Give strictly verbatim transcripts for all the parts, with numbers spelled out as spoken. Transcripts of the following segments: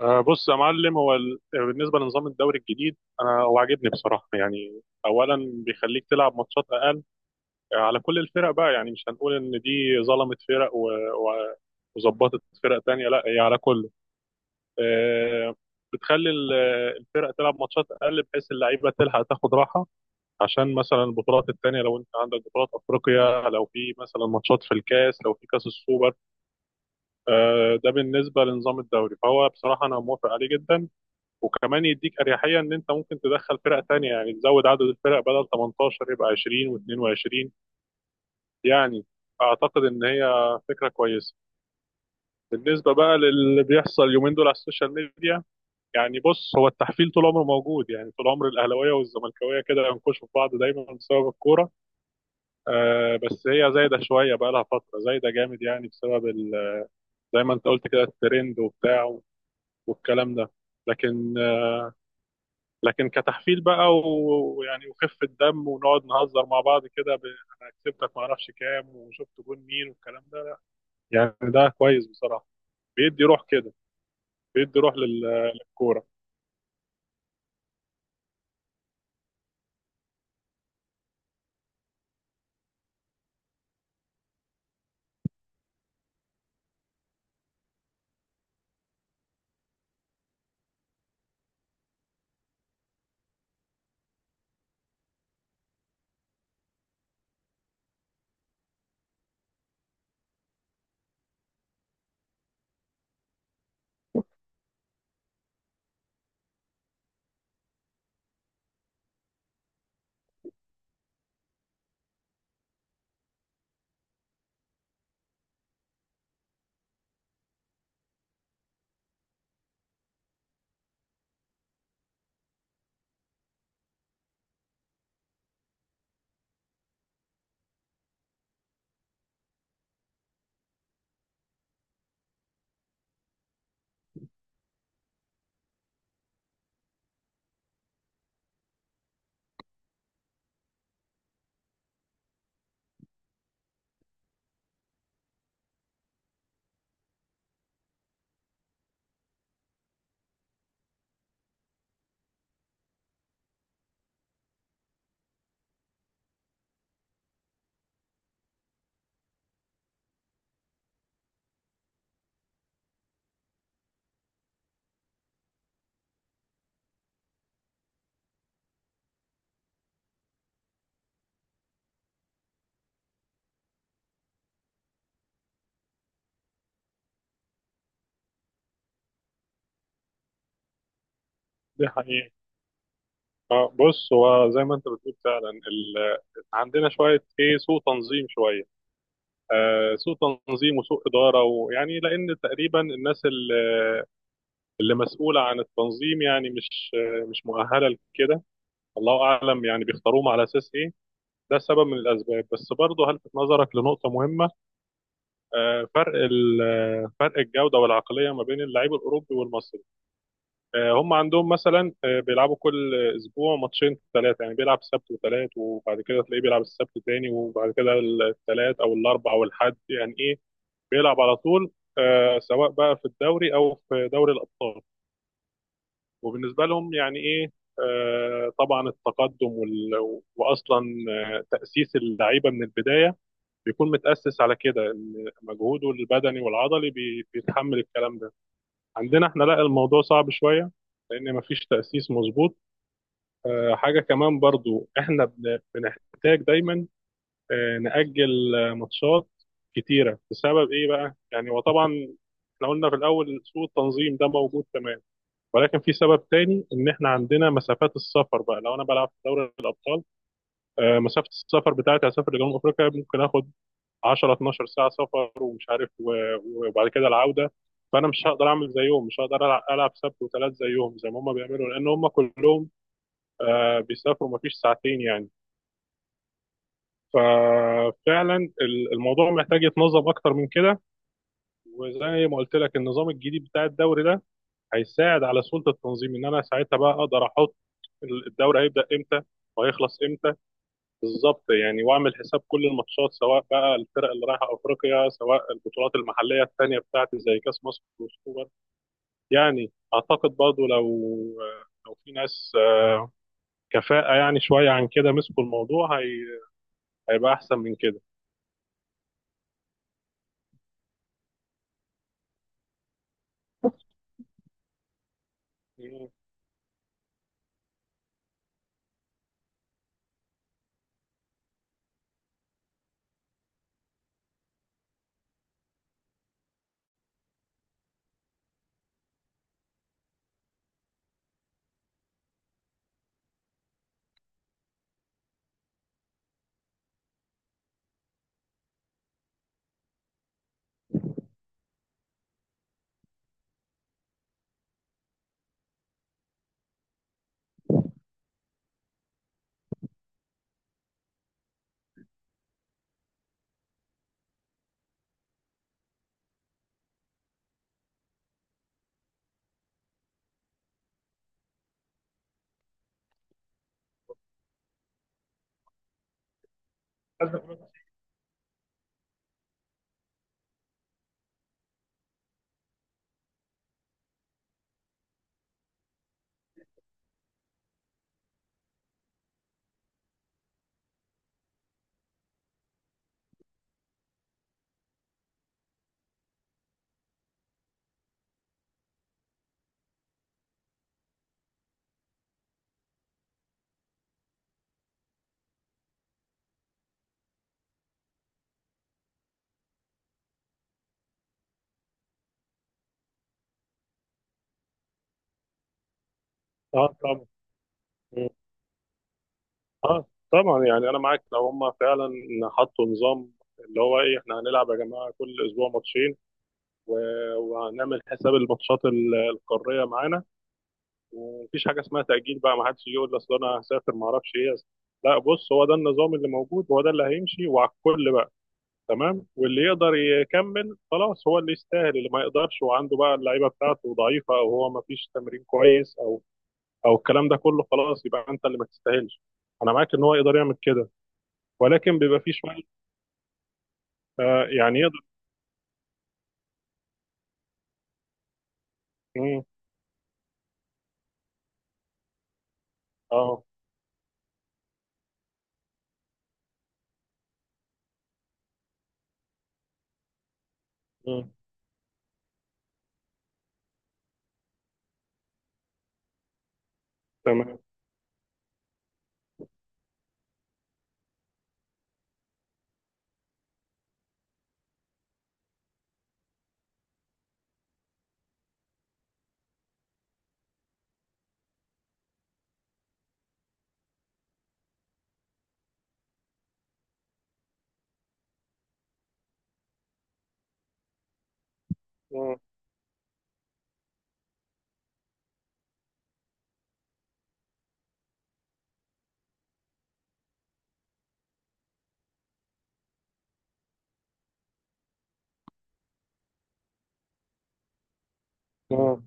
آه، بص يا معلم. هو ال- بالنسبه لنظام الدوري الجديد، انا هو عاجبني بصراحه يعني. اولا بيخليك تلعب ماتشات اقل آه، على كل الفرق بقى، يعني مش هنقول ان دي ظلمت فرق و- و- وظبطت فرق تانية، لا هي على كله. آه، بتخلي ال- الفرق تلعب ماتشات اقل، بحيث اللعيبه تلحق تاخد راحه، عشان مثلا البطولات التانية، لو انت عندك بطولات افريقيا، لو في مثلا ماتشات في الكاس، لو في كاس السوبر. آه، ده بالنسبه لنظام الدوري، فهو بصراحه انا موافق عليه جدا. وكمان يديك اريحيه ان انت ممكن تدخل فرق تانية، يعني تزود عدد الفرق بدل ثمانية عشر يبقى عشرين و22، يعني اعتقد ان هي فكره كويسه. بالنسبه بقى للي بيحصل اليومين دول على السوشيال ميديا، يعني بص، هو التحفيل طول عمره موجود، يعني طول عمر الاهلاويه والزملكاويه كده ينكشوا في بعض دايما بسبب الكوره. آه، بس هي زايده شويه بقى، لها فتره زايده جامد يعني، بسبب ال- زي ما انت قلت كده الترند وبتاع والكلام ده. لكن لكن كتحفيل بقى، ويعني وخفه دم ونقعد نهزر مع بعض كده ب... انا كسبتك ما اعرفش كام، وشفت جون مين والكلام ده، يعني ده كويس بصراحه. بيدي روح كده، بيدي روح لل- للكوره. دي حقيقه. اه، بص، هو زي ما انت بتقول فعلا ال... عندنا شويه، ايه، سوء تنظيم شويه. آه، سوء تنظيم وسوء اداره، ويعني لان تقريبا الناس اللي, اللي مسؤوله عن التنظيم، يعني مش مش مؤهله لكده. الله اعلم يعني بيختاروهم على اساس ايه. ده سبب من الاسباب، بس برضه هلفت نظرك لنقطه مهمه. آه، فرق ال- فرق الجوده والعقليه ما بين اللعيب الاوروبي والمصري. آه، هم عندهم مثلا آه، بيلعبوا كل اسبوع ماتشين ثلاثه، يعني بيلعب سبت وثلاث، وبعد كده تلاقيه بيلعب السبت تاني، وبعد كده الثلاث او الاربع او الحد، يعني ايه، بيلعب على طول. آه، سواء بقى في الدوري او في دوري الابطال. وبالنسبه لهم يعني ايه، آه، طبعا التقدم وال- واصلا آه، تاسيس اللعيبه من البدايه بيكون متأسس على كده، ان مجهوده البدني والعضلي بي- بيتحمل الكلام ده. عندنا احنا لا، الموضوع صعب شوية لان مفيش تأسيس مظبوط. آه، حاجة كمان برضو، احنا بن- بنحتاج دايما آه، نأجل آه، ماتشات كتيرة، بسبب ايه بقى يعني؟ وطبعا احنا قلنا في الاول سوء التنظيم ده موجود تمام، ولكن في سبب تاني ان احنا عندنا مسافات السفر بقى. لو انا بلعب في دوري الابطال، آه، مسافة السفر بتاعتي هسافر لجنوب افريقيا، ممكن اخد عشر اتناشر ساعه سفر، ومش عارف و- و- وبعد كده العوده. فانا مش هقدر اعمل زيهم، مش هقدر العب ألعب سبت وثلاث زيهم زي ما هم بيعملوا، لان هم كلهم آه، بيسافروا مفيش ساعتين يعني. ففعلا ال- الموضوع محتاج يتنظم اكتر من كده. وزي ما قلت لك، النظام الجديد بتاع الدوري ده هيساعد على سهوله التنظيم، ان انا ساعتها بقى اقدر احط الدوري هيبدا امتى وهيخلص بالظبط يعني، واعمل حساب كل الماتشات، سواء بقى الفرق اللي رايحه افريقيا، سواء البطولات المحليه الثانيه بتاعتي زي كاس مصر والسوبر. يعني اعتقد برضو لو لو في ناس كفاءه يعني شويه عن كده مسكوا الموضوع، هي... هيبقى احسن من كده. مم. اه، طبعا. مم. اه، طبعا يعني انا معاك لو هم فعلا حطوا نظام، اللي هو ايه احنا هنلعب يا جماعه كل اسبوع ماتشين و... وهنعمل حساب الماتشات ال- القاريه معانا، ومفيش حاجه اسمها تاجيل بقى، ما حدش يجي يقول اصل انا هسافر ما اعرفش ايه. لا، بص، هو ده النظام اللي موجود، هو ده اللي هيمشي وعلى الكل بقى، تمام. واللي يقدر يكمل خلاص هو اللي يستاهل، اللي ما يقدرش وعنده بقى اللعيبه بتاعته ضعيفه، او هو ما فيش تمرين كويس، او او الكلام ده كله، خلاص يبقى انت اللي ما تستاهلش. انا معاك ان هو يقدر يعمل كده، ولكن بيبقى فيه شويه. آه، يعني يقدر. مم، اه. مم، تمام. مم، مم،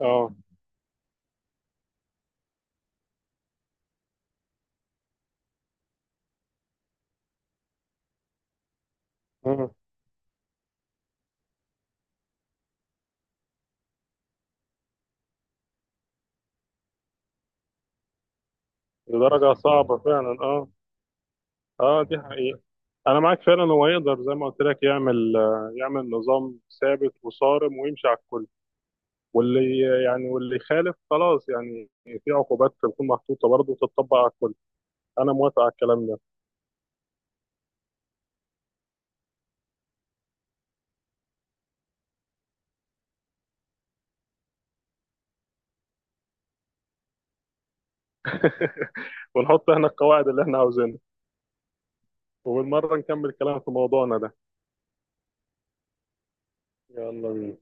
اه. مم، لدرجه صعبه فعلا، اه. اه، دي حقيقة. انا معاك فعلا، هو يقدر زي ما قلت لك يعمل آه، يعمل نظام ثابت وصارم ويمشي على الكل، واللي يعني واللي يخالف خلاص، يعني في عقوبات تكون محطوطة برضه وتتطبق على الكل. انا موافق على الكلام ده. ونحط احنا القواعد اللي احنا عاوزينها، وبالمرة نكمل كلام في موضوعنا ده. يلا بينا.